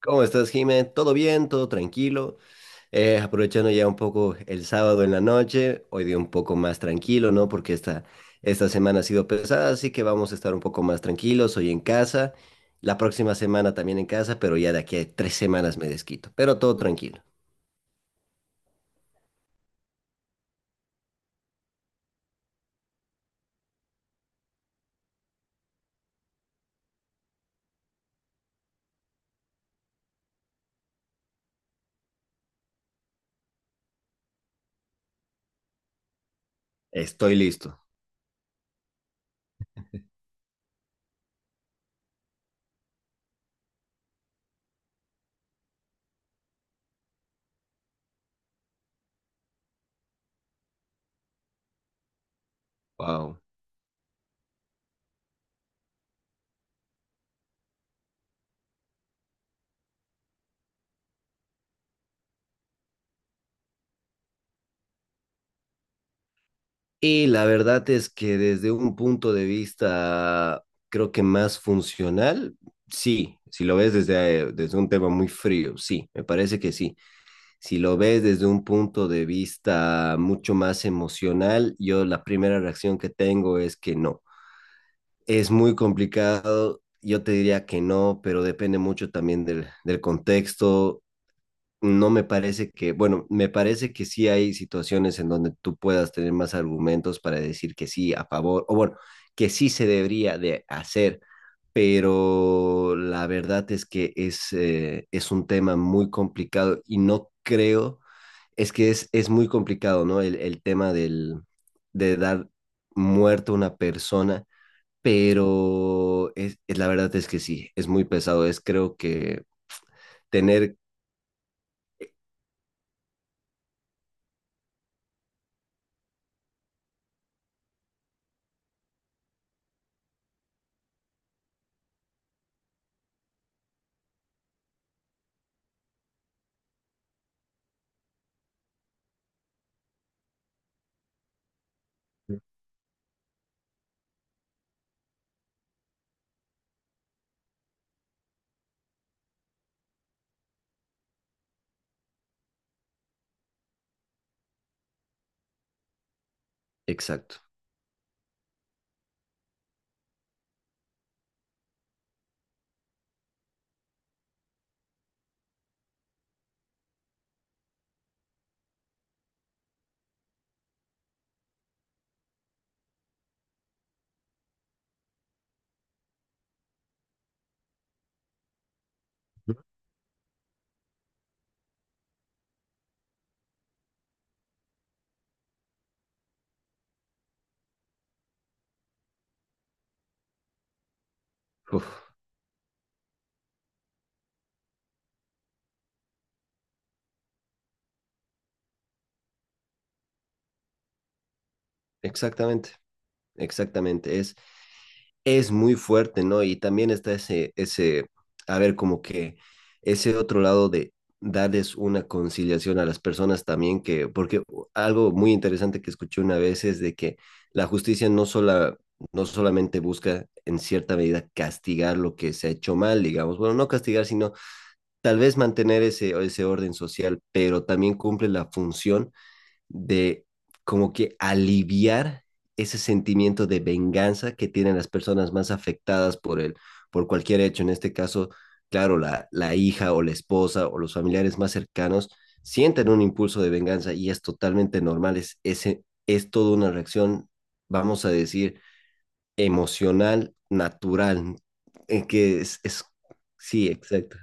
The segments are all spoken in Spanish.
¿Cómo estás, Jiménez? ¿Todo bien? ¿Todo tranquilo? Aprovechando ya un poco el sábado en la noche, hoy día un poco más tranquilo, ¿no? Esta semana ha sido pesada, así que vamos a estar un poco más tranquilos hoy en casa, la próxima semana también en casa, pero ya de aquí a tres semanas me desquito, pero todo tranquilo. Estoy listo. Wow. Y la verdad es que desde un punto de vista, creo que más funcional, sí, si lo ves desde un tema muy frío, sí, me parece que sí. Si lo ves desde un punto de vista mucho más emocional, yo la primera reacción que tengo es que no. Es muy complicado, yo te diría que no, pero depende mucho también del contexto. No me parece que, bueno, me parece que sí hay situaciones en donde tú puedas tener más argumentos para decir que sí a favor, o bueno, que sí se debería de hacer, pero la verdad es que es un tema muy complicado y no creo, es que es muy complicado, ¿no? El tema de dar muerto a una persona, pero la verdad es que sí, es muy pesado. Es, creo que tener, exacto. Uf, exactamente. Exactamente, es muy fuerte, ¿no? Y también está a ver, como que ese otro lado de darles una conciliación a las personas también, que, porque algo muy interesante que escuché una vez es de que la justicia no sola, no solamente busca en cierta medida castigar lo que se ha hecho mal, digamos, bueno, no castigar, sino tal vez mantener ese orden social, pero también cumple la función de, como que, aliviar ese sentimiento de venganza que tienen las personas más afectadas por cualquier hecho, en este caso, claro, la hija o la esposa o los familiares más cercanos sienten un impulso de venganza y es totalmente normal, es, ese es toda una reacción, vamos a decir, emocional, natural, en que es sí, exacto,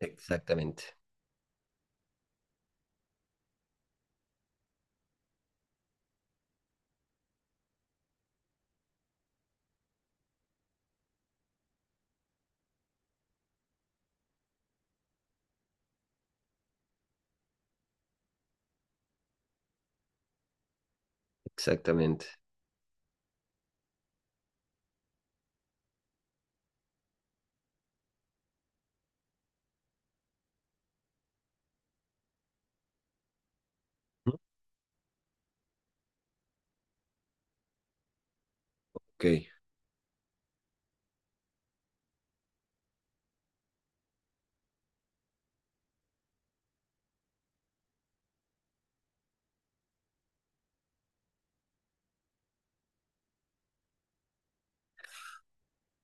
exactamente, exactamente. Ok,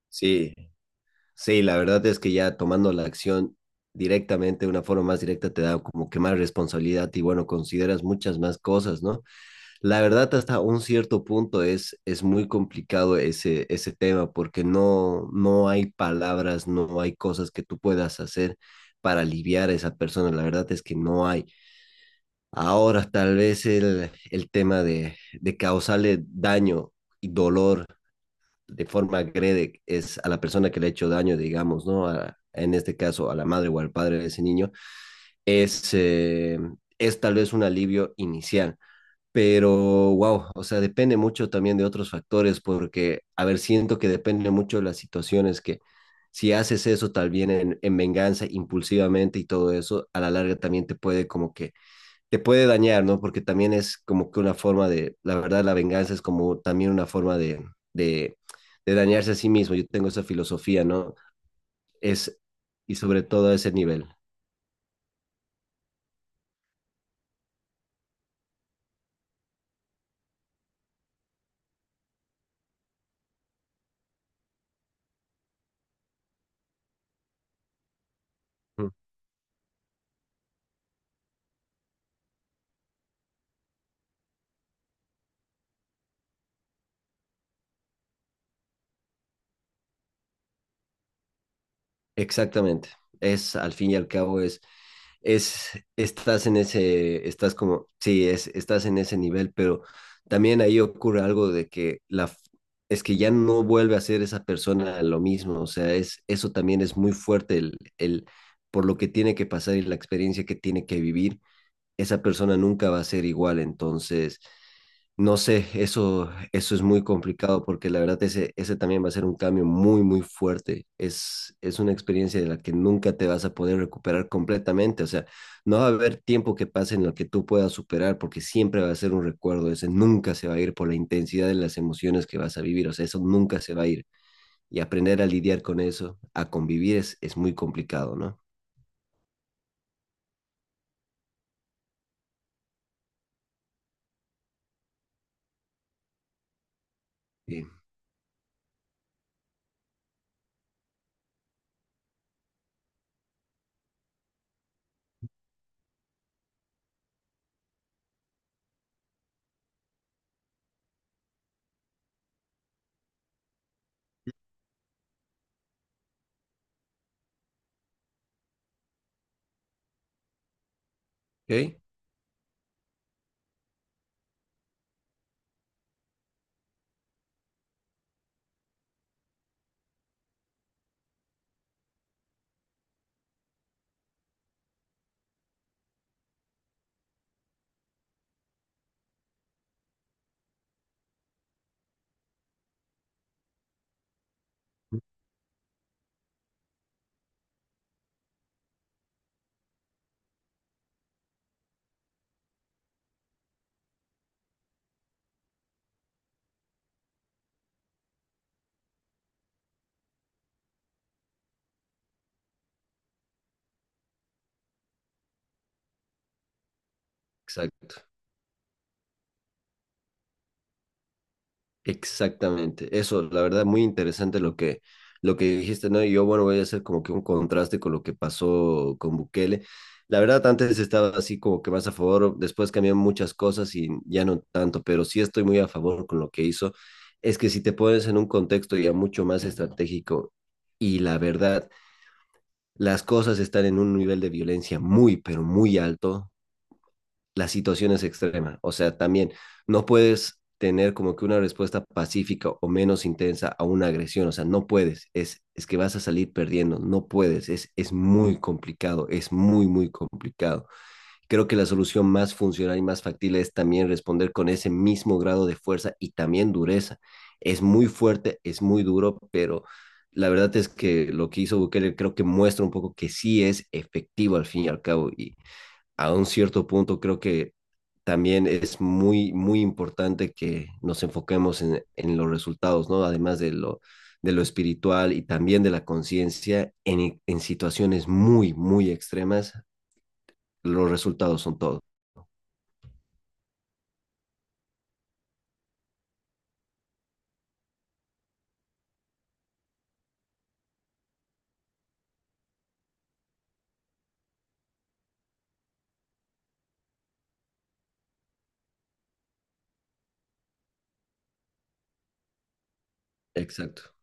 sí. Sí, la verdad es que ya tomando la acción directamente, de una forma más directa, te da como que más responsabilidad y bueno, consideras muchas más cosas, ¿no? La verdad, hasta un cierto punto es muy complicado ese tema porque no, no hay palabras, no hay cosas que tú puedas hacer para aliviar a esa persona. La verdad es que no hay. Ahora, tal vez el tema de causarle daño y dolor de forma agrede es a la persona que le ha hecho daño, digamos, ¿no? A, en este caso, a la madre o al padre de ese niño, es, eh, es tal vez un alivio inicial. Pero, wow, o sea, depende mucho también de otros factores, porque, a ver, siento que depende mucho de las situaciones que, si haces eso tal vez en venganza impulsivamente y todo eso, a la larga también te puede como que te puede dañar, ¿no? Porque también es como que una forma de, la verdad, la venganza es como también una forma de, de dañarse a sí mismo. Yo tengo esa filosofía, ¿no? Es, y sobre todo a ese nivel. Mm. Exactamente. Es, al fin y al cabo, es, estás en ese, estás como, sí, es, estás en ese nivel, pero también ahí ocurre algo de que es que ya no vuelve a ser esa persona lo mismo, o sea, es, eso también es muy fuerte por lo que tiene que pasar y la experiencia que tiene que vivir esa persona nunca va a ser igual. Entonces, no sé, eso es muy complicado porque la verdad ese, ese también va a ser un cambio muy, muy fuerte. Es una experiencia de la que nunca te vas a poder recuperar completamente. O sea, no va a haber tiempo que pase en el que tú puedas superar porque siempre va a ser un recuerdo. Ese nunca se va a ir por la intensidad de las emociones que vas a vivir. O sea, eso nunca se va a ir. Y aprender a lidiar con eso, a convivir es muy complicado, ¿no? Sí. Ok, exacto. Exactamente, eso, la verdad, muy interesante lo que dijiste, ¿no? Y yo, bueno, voy a hacer como que un contraste con lo que pasó con Bukele. La verdad, antes estaba así como que más a favor, después cambiaron muchas cosas y ya no tanto, pero sí estoy muy a favor con lo que hizo. Es que si te pones en un contexto ya mucho más estratégico y la verdad, las cosas están en un nivel de violencia muy, pero muy alto, las situaciones extremas. O sea, también no puedes tener como que una respuesta pacífica o menos intensa a una agresión. O sea, no puedes. Es que vas a salir perdiendo. No puedes. Es muy complicado. Es muy, muy complicado. Creo que la solución más funcional y más factible es también responder con ese mismo grado de fuerza y también dureza. Es muy fuerte, es muy duro, pero la verdad es que lo que hizo Bukele creo que muestra un poco que sí es efectivo al fin y al cabo y a un cierto punto creo que también es muy, muy importante que nos enfoquemos en los resultados, ¿no? Además de lo espiritual y también de la conciencia, en situaciones muy, muy extremas, los resultados son todo. Exacto.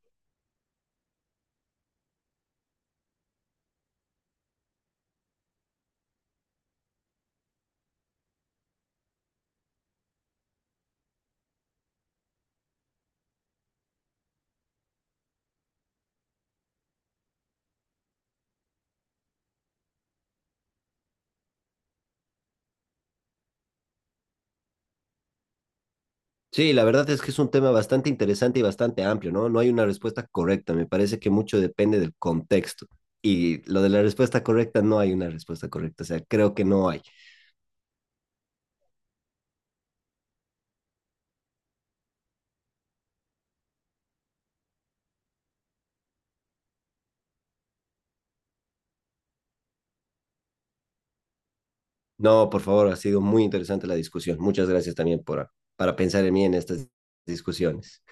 Sí, la verdad es que es un tema bastante interesante y bastante amplio, ¿no? No hay una respuesta correcta, me parece que mucho depende del contexto. Y lo de la respuesta correcta, no hay una respuesta correcta, o sea, creo que no hay. No, por favor, ha sido muy interesante la discusión. Muchas gracias también por, para pensar en mí en estas discusiones.